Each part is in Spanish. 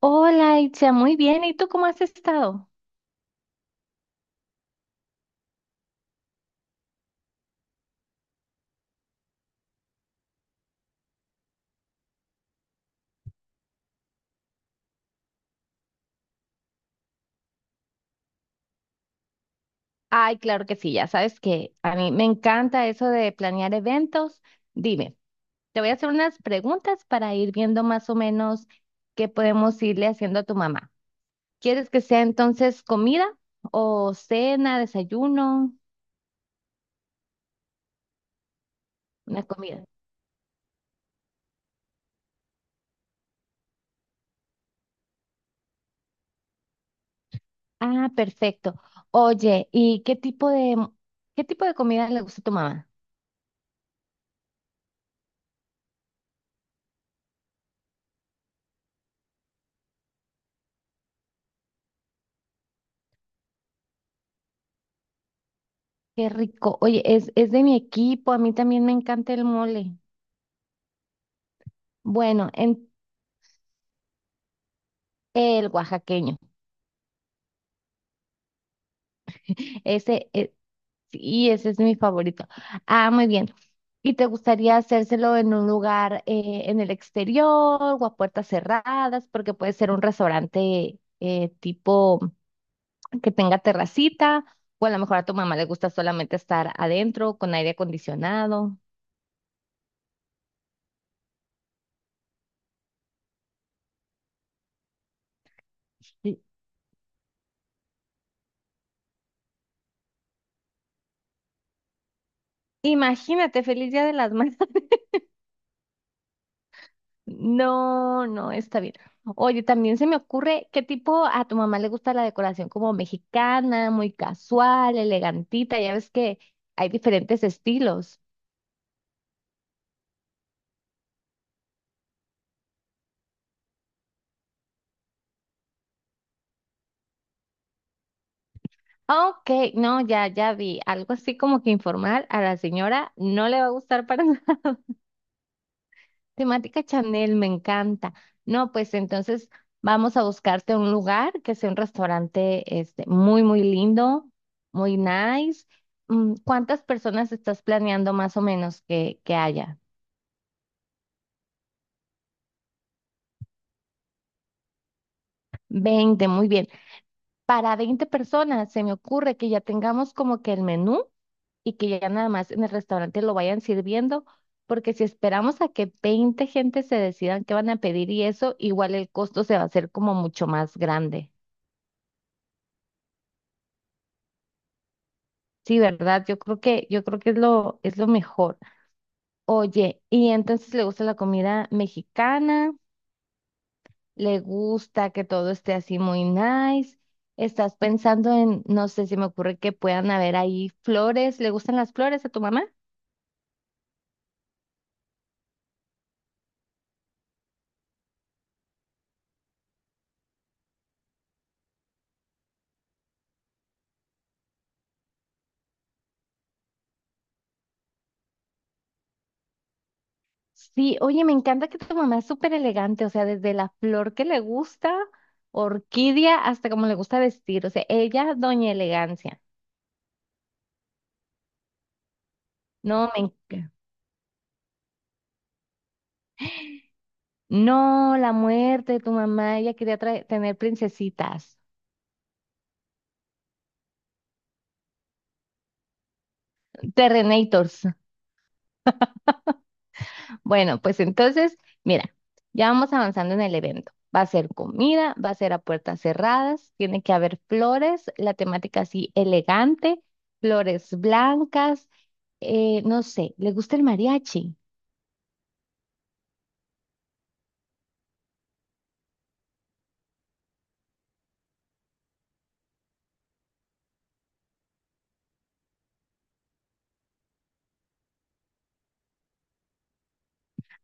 Hola, Itzia, muy bien. ¿Y tú cómo has estado? Ay, claro que sí, ya sabes que a mí me encanta eso de planear eventos. Dime, te voy a hacer unas preguntas para ir viendo más o menos qué podemos irle haciendo a tu mamá. ¿Quieres que sea entonces comida o cena, desayuno, una comida? Ah, perfecto. Oye, ¿y qué tipo de comida le gusta a tu mamá? Qué rico. Oye, es de mi equipo, a mí también me encanta el mole. Bueno, en el oaxaqueño. Ese, es- sí, ese es mi favorito. Ah, muy bien. ¿Y te gustaría hacérselo en un lugar en el exterior o a puertas cerradas? Porque puede ser un restaurante tipo que tenga terracita o a lo mejor a tu mamá le gusta solamente estar adentro con aire acondicionado. I- Imagínate, feliz Día de las Madres. No, no, está bien. Oye, también se me ocurre qué tipo a tu mamá le gusta la decoración como mexicana, muy casual, elegantita, ya ves que hay diferentes estilos. Ok, no, ya, ya vi, algo así como que informal a la señora no le va a gustar para Temática Chanel, me encanta. No, pues entonces vamos a buscarte un lugar que sea un restaurante este, muy, muy lindo, muy nice. Mm, ¿cuántas personas estás planeando más o menos que haya? 20, muy bien. Para 20 personas se me ocurre que ya tengamos como que el menú y que ya nada más en el restaurante lo vayan sirviendo, porque si esperamos a que 20 gente se decidan qué van a pedir y eso, igual el costo se va a hacer como mucho más grande. Sí, ¿verdad? Yo creo que es lo mejor. Oye, y entonces le gusta la comida mexicana, le gusta que todo esté así muy nice. Estás pensando en, no sé, si me ocurre que puedan haber ahí flores. ¿Le gustan las flores a tu mamá? Sí, oye, me encanta que tu mamá es súper elegante, o sea, desde la flor que le gusta, orquídea, hasta como le gusta vestir, o sea, ella, doña elegancia. No, me encanta. No, la muerte de tu mamá, ella quería tener princesitas. Terrenators. Bueno, pues entonces, mira, ya vamos avanzando en el evento. Va a ser comida, va a ser a puertas cerradas, tiene que haber flores, la temática así elegante, flores blancas, no sé, ¿le gusta el mariachi?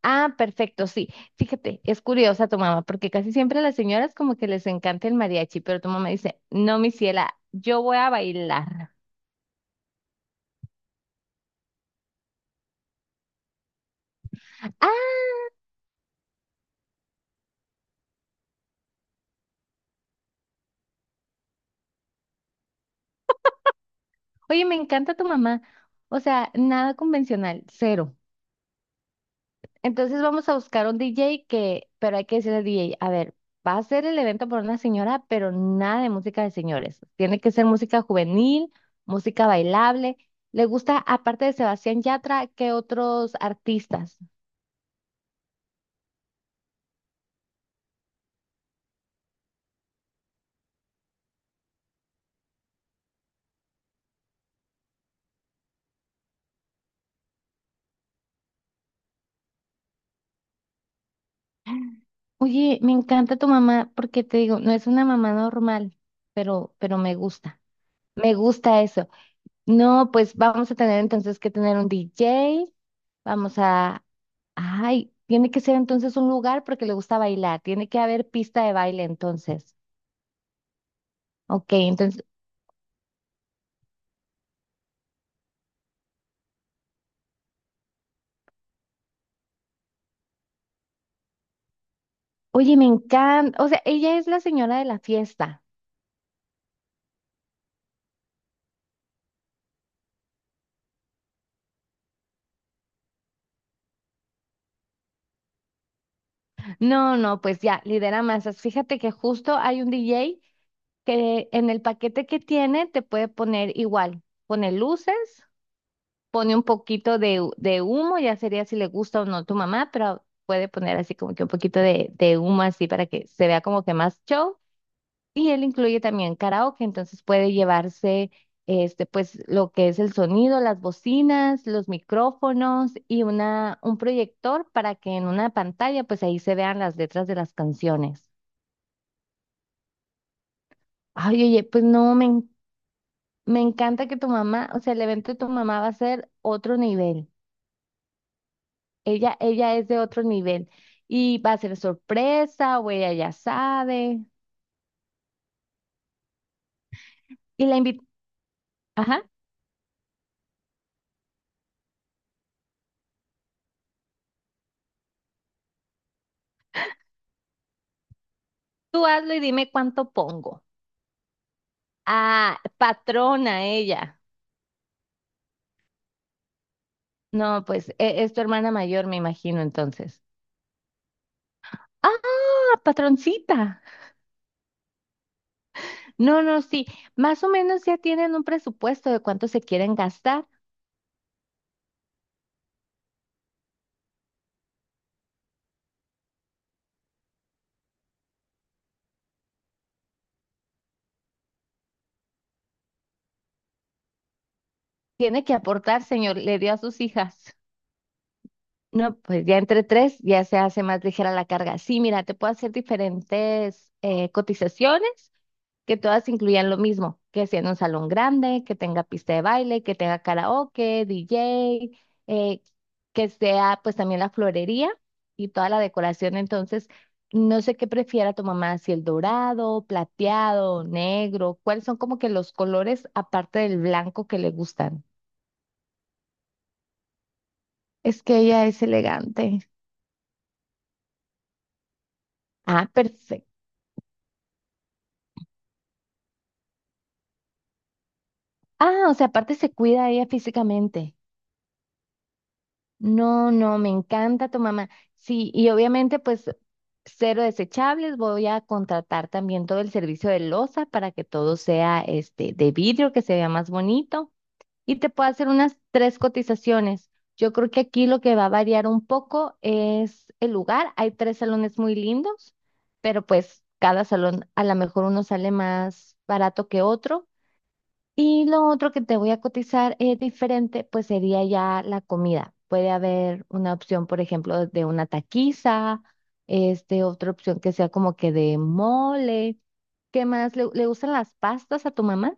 Ah, perfecto, sí. Fíjate, es curiosa tu mamá, porque casi siempre a las señoras como que les encanta el mariachi, pero tu mamá dice, no, mi ciela, yo voy a bailar. Ah, oye, me encanta tu mamá. O sea, nada convencional, cero. Entonces vamos a buscar un DJ que, pero hay que decirle al DJ, a ver, va a ser el evento por una señora, pero nada de música de señores. Tiene que ser música juvenil, música bailable. Le gusta, aparte de Sebastián Yatra, ¿qué otros artistas? Oye, me encanta tu mamá porque te digo, no es una mamá normal, pero me gusta. Me gusta eso. No, pues vamos a tener entonces que tener un DJ. Vamos a. Ay, tiene que ser entonces un lugar porque le gusta bailar. Tiene que haber pista de baile entonces. Ok, entonces, oye, me encanta. O sea, ella es la señora de la fiesta. No, no, pues ya, lidera masas. Fíjate que justo hay un DJ que en el paquete que tiene te puede poner igual. Pone luces, pone un poquito de humo, ya sería si le gusta o no tu mamá, pero puede poner así como que un poquito de humo así para que se vea como que más show. Y él incluye también karaoke, entonces puede llevarse este, pues, lo que es el sonido, las bocinas, los micrófonos y un proyector para que en una pantalla, pues ahí se vean las letras de las canciones. Ay, oye, pues no, me encanta que tu mamá, o sea, el evento de tu mamá va a ser otro nivel. Ella es de otro nivel y va a ser sorpresa o ella ya sabe. Y la invita, ajá, tú hazlo y dime cuánto pongo. Ah, patrona ella. No, pues es tu hermana mayor, me imagino, entonces. Ah, patroncita. No, no, sí. Más o menos ya tienen un presupuesto de cuánto se quieren gastar. Tiene que aportar, señor, le dio a sus hijas. No, pues ya entre tres ya se hace más ligera la carga. Sí, mira, te puedo hacer diferentes cotizaciones que todas incluyan lo mismo, que sea en un salón grande, que tenga pista de baile, que tenga karaoke, DJ, eh, que sea pues también la florería y toda la decoración. Entonces, no sé qué prefiera tu mamá, si el dorado, plateado, negro, cuáles son como que los colores aparte del blanco que le gustan. Es que ella es elegante. Ah, perfecto. Ah, o sea, aparte se cuida ella físicamente. No, no, me encanta tu mamá. Sí, y obviamente pues cero desechables, voy a contratar también todo el servicio de loza para que todo sea este de vidrio, que se vea más bonito y te puedo hacer unas tres cotizaciones. Yo creo que aquí lo que va a variar un poco es el lugar. Hay tres salones muy lindos, pero pues cada salón a lo mejor uno sale más barato que otro. Y lo otro que te voy a cotizar es diferente, pues sería ya la comida. Puede haber una opción, por ejemplo, de una taquiza, este, otra opción que sea como que de mole. ¿Qué más? ¿Le gustan las pastas a tu mamá?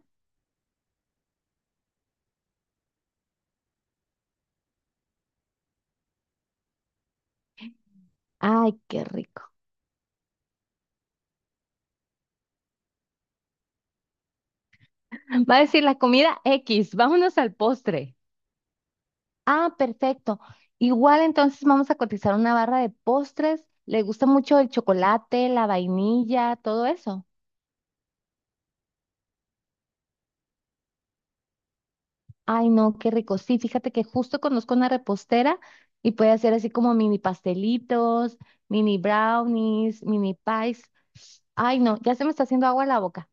Ay, qué rico. Va a decir la comida X, vámonos al postre. Ah, perfecto. Igual entonces vamos a cotizar una barra de postres. ¿Le gusta mucho el chocolate, la vainilla, todo eso? Ay, no, qué rico. Sí, fíjate que justo conozco una repostera y puede hacer así como mini pastelitos, mini brownies, mini pies. Ay, no, ya se me está haciendo agua la boca.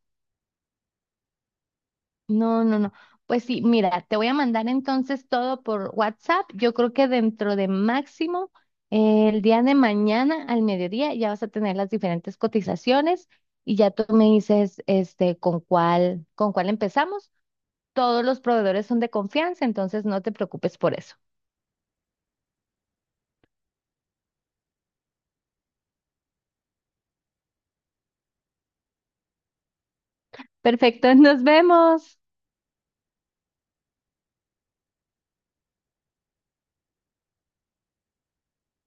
No, no, no. Pues sí, mira, te voy a mandar entonces todo por WhatsApp. Yo creo que dentro de máximo el día de mañana al mediodía ya vas a tener las diferentes cotizaciones y ya tú me dices este con cuál empezamos. Todos los proveedores son de confianza, entonces no te preocupes por eso. Perfecto, nos vemos.